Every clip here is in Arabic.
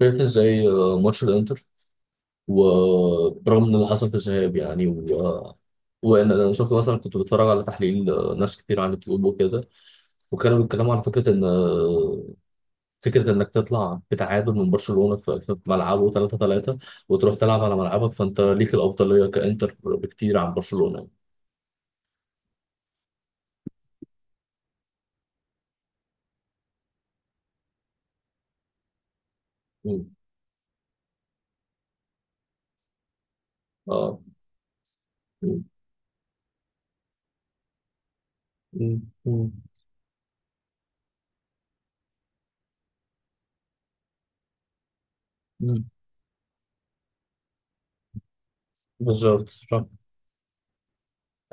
شايف ازاي ماتش الانتر، وبرغم ان اللي حصل في الذهاب يعني و... آه، وان انا شفت مثلا كنت بتفرج على تحليل ناس كتير على اليوتيوب وكده، وكانوا بيتكلموا على فكره ان فكره انك تطلع بتعادل من برشلونه في ملعبه 3-3، وتروح تلعب على ملعبك فانت ليك الافضليه كانتر بكتير عن برشلونه. مم. اه. مم. مم. مم. مم. بالظبط صح.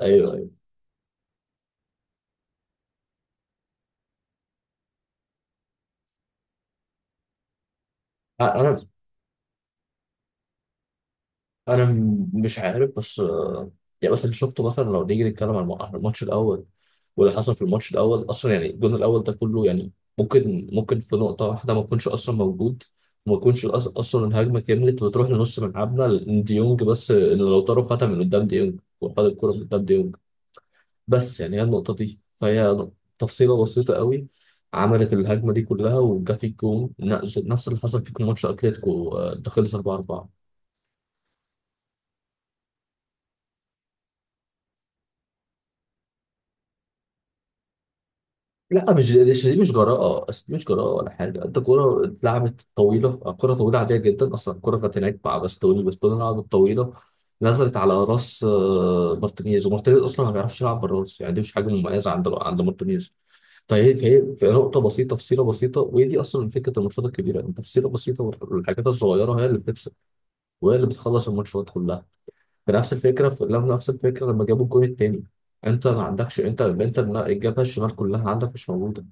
ايوه ايوه. انا انا مش عارف بس يعني مثلا شفته، مثلا لو نيجي نتكلم عن الماتش الاول. واللي حصل في الماتش الاول اصلا، يعني الجون الاول ده كله يعني ممكن في نقطه واحده ما يكونش اصلا موجود، وما يكونش اصلا الهجمه كملت وتروح لنص ملعبنا، لأن ديونج بس ان لوتارو خدها من قدام ديونج وخد الكره من قدام ديونج. بس يعني هي النقطه دي، فهي تفصيله بسيطه قوي. عملت الهجمه دي كلها وجا في الجون نفس اللي حصل في ماتش اتلتيكو، ده خلص 4. لا، مش دي مش جراءة، أصل دي مش جراءة ولا حاجة. أنت كرة اتلعبت طويلة، كرة طويلة عادية جدا، أصلا الكرة كانت هناك مع باستوني، باستوني لعبت طويلة، نزلت على راس مارتينيز، ومارتينيز أصلا ما بيعرفش يلعب بالراس، يعني دي مش حاجة مميزة عند مارتينيز. فهي في نقطة بسيطة، تفصيلة بسيطة، وهي دي أصلا فكرة الماتشات الكبيرة. أنت تفصيلة بسيطة والحاجات الصغيرة هي اللي بتفصل، وهي اللي بتخلص الماتشات كلها. بنفس الفكرة في نفس الفكرة لما جابوا الجون التاني. أنت ما عندكش، أنت الجبهة الشمال كلها عندك مش موجودة،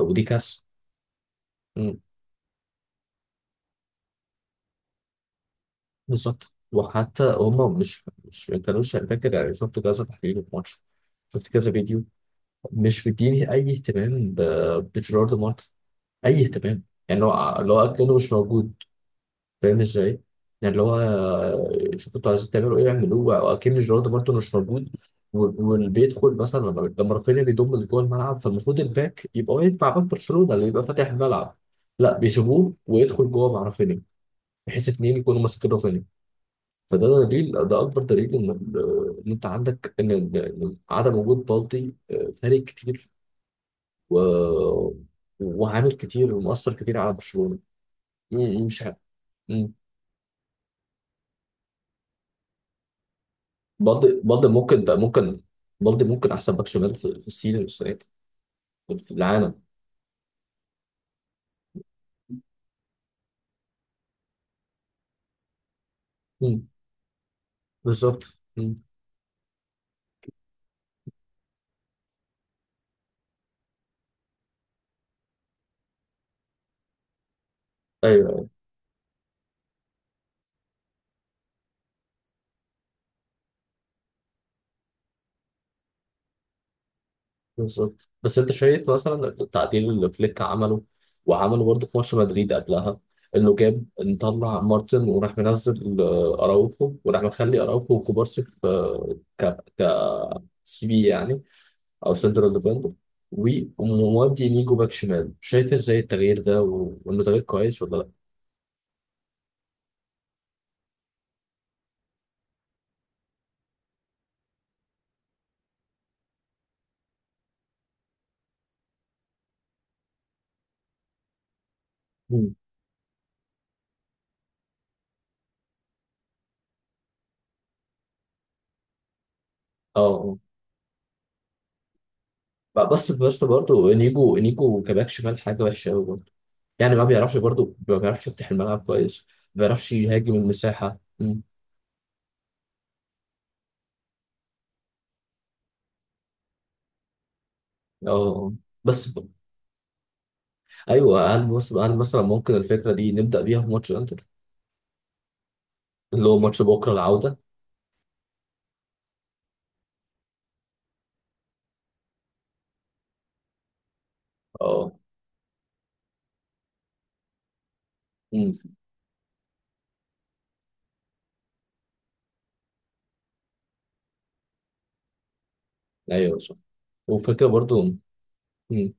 ودي كارثه. مم. بالظبط، وحتى هم مش ما كانوش، يعني فاكر، يعني شفت كذا تحليل في ماتش، شفت كذا فيديو، مش مديني اي اهتمام بجيرارد مارتن، اي اهتمام. يعني اللي هو كانه مش موجود، فاهم ازاي؟ يعني اللي هو شوفوا انتوا عايزين تعملوا ايه اعملوه اكن جيرارد مارتن مش موجود. واللي بيدخل مثلا لما رافينيا بيضم اللي جوه الملعب، فالمفروض الباك يبقى واقف مع باك برشلونه اللي يبقى فاتح الملعب، لا بيسيبوه ويدخل جوه مع رافينيا، بحيث اتنين يكونوا ماسكين رافينيا. فده دليل، ده اكبر دليل ان ان انت عندك، ان إن عدم وجود بالدي فارق كتير و... وعامل كتير ومؤثر كتير على برشلونه. مم، مش عارف. مم. بالدي ممكن، ده ممكن. بالدي ممكن احسن باك شمال في السيزون السنه دي، في العالم. مم. بالظبط. مم. ايوه، بالظبط. بس انت شايف مثلا التعديل اللي فليك عمله، وعمله برضه في ماتش مدريد قبلها، انه جاب نطلع مارتن، وراح منزل اراوخو، وراح مخلي اراوخو وكوبارسي في، آه، ك ك سي بي يعني، او سنترال ديفندر. ومودي نيجو باك شمال. شايف ازاي التغيير ده وانه تغيير كويس ولا لا؟ مم. اه. اه. بس برضه انيجو كباك شمال حاجه وحشه قوي برضه، يعني ما بيعرفش، برضه ما بيعرفش يفتح الملعب كويس، ما بيعرفش يهاجم المساحه. اه بس ايوه. هل مثلا ممكن الفكره دي نبدا بيها في ماتش انتر، اللي هو ماتش بكره العوده؟ اه. امم. ايوه، صح. وفكره برضو. امم.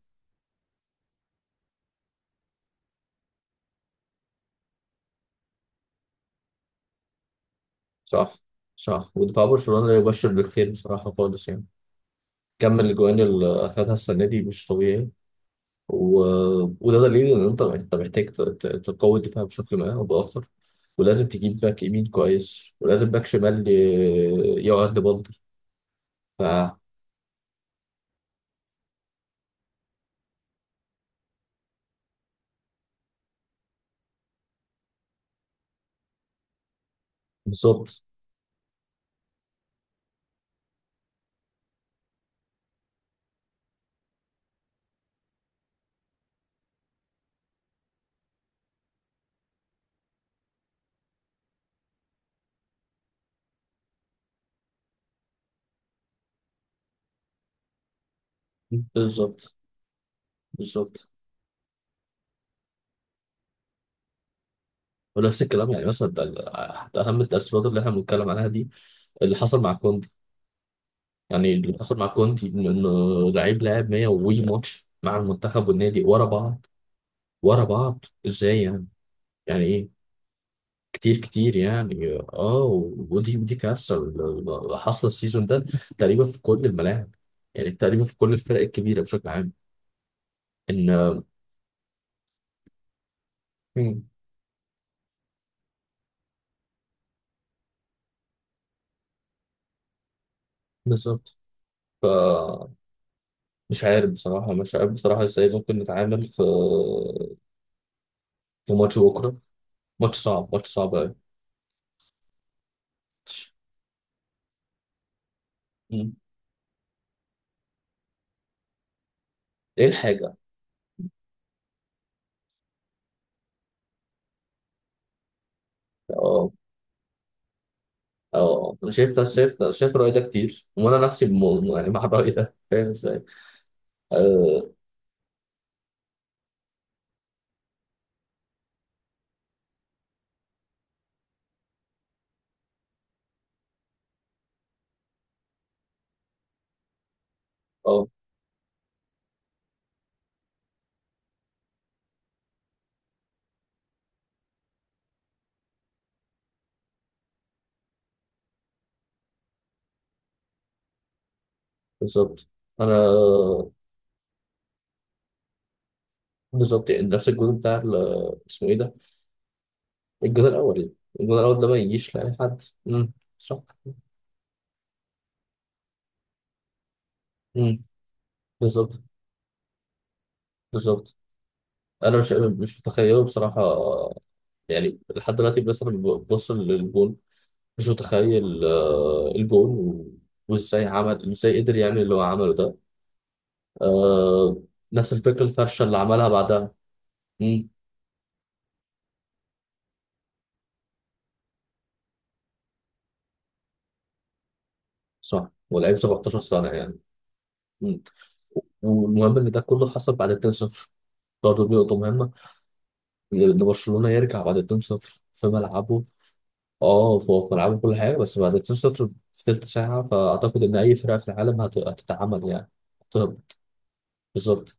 صح، صح. ودفاع برشلونه لا يبشر بالخير بصراحه خالص يعني، كمل الاجوان اللي اخذها السنه دي مش طبيعي. و... وده دليل ان انت محتاج تقوي الدفاع بشكل ما او باخر، ولازم تجيب باك يمين كويس، ولازم باك شمال يقعد لبالدي. ف بالظبط. بالظبط. بالظبط. ونفس الكلام يعني، مثلا حتى اهم التاثيرات اللي احنا بنتكلم عنها دي، اللي حصل مع كوندي. يعني اللي حصل مع كوندي انه لعيب لعب 100 وي ماتش مع المنتخب والنادي ورا بعض، ورا بعض ازاي يعني، يعني ايه. كتير، كتير يعني، اه. ودي كارثه اللي حاصله السيزون ده تقريبا في كل الملاعب، يعني تقريبا في كل الفرق الكبيره بشكل عام. ان مم. بالظبط. ف مش عارف بصراحه، مش عارف بصراحه ازاي ممكن نتعامل في في ماتش بكره، ماتش صعب، ماتش صعب أوي. مم. إيه الحاجة؟ أه، أه. أنا شايف ده، شايف ده، شايف الرأي ده كتير، وأنا نفسي يعني مع الرأي ده، فاهم إزاي؟ أه. آه، بالظبط. أنا بالظبط، يعني نفس الجول بتاع اسمه إيه ده؟ الجول الأول. الجول الأول ده ما يجيش لأي حد. مم. صح. مم. بالظبط. بالظبط. أنا مش، مش متخيله بصراحة، يعني لحد دلوقتي مثلا ببص للجون، مش متخيل الجون، وازاي عمل، ازاي قدر يعمل اللي هو عمله ده. آه، نفس الفكرة، الفرشة اللي عملها بعدها. مم. صح. ولعيب 17 سنة يعني. مم. والمهم ان ده كله حصل بعد 2-0، برضه دي نقطة مهمة، ان برشلونة يرجع بعد 2-0 في ملعبه. اه، فهو في ملعبه كل حاجة، بس بعد 2-0 في تلت ساعة، فأعتقد إن أي فرقة في العالم هتتعمل يعني، هتهبط. بالظبط.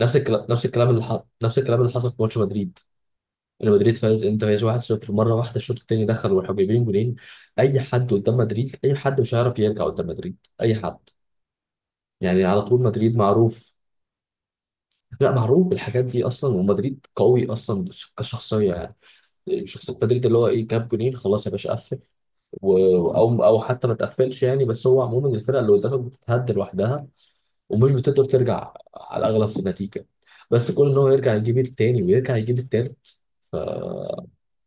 نفس الكلام، نفس الكلام اللي نفس الكلام اللي حصل في ماتش مدريد. ريال مدريد فاز، انت فايز 1-0، مره واحده الشوط الثاني دخل والحبيبين جولين، اي حد قدام مدريد، اي حد مش هيعرف يرجع قدام مدريد، اي حد. يعني على طول مدريد معروف، لا معروف بالحاجات دي اصلا، ومدريد قوي اصلا كشخصيه يعني. شخصيه مدريد اللي هو ايه، جاب جولين خلاص يا باشا، قفل. او حتى ما تقفلش يعني، بس هو عموما الفرقه اللي قدامك بتتهد لوحدها، ومش بتقدر ترجع على الاغلب في النتيجه، بس كل ان هو يرجع يجيب التاني، ويرجع يجيب التالت،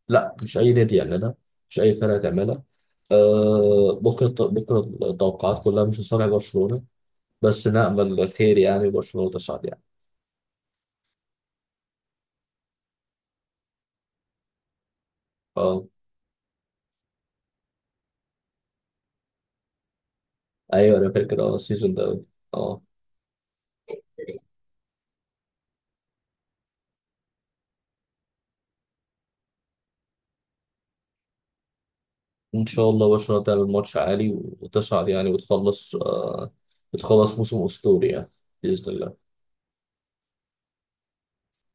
لا مش اي نادي يعملها، مش اي فرقه تعملها. آه، بكره بكره التوقعات كلها مش لصالح برشلونه، بس نامل خير يعني برشلونه تصعد يعني. اه، ايوه انا فاكر، اه السيزون ده. اه، ان شاء الله برشلونه تعمل ماتش عالي وتصعد يعني، وتخلص آه، بتخلص موسم اسطوري يعني، باذن الله.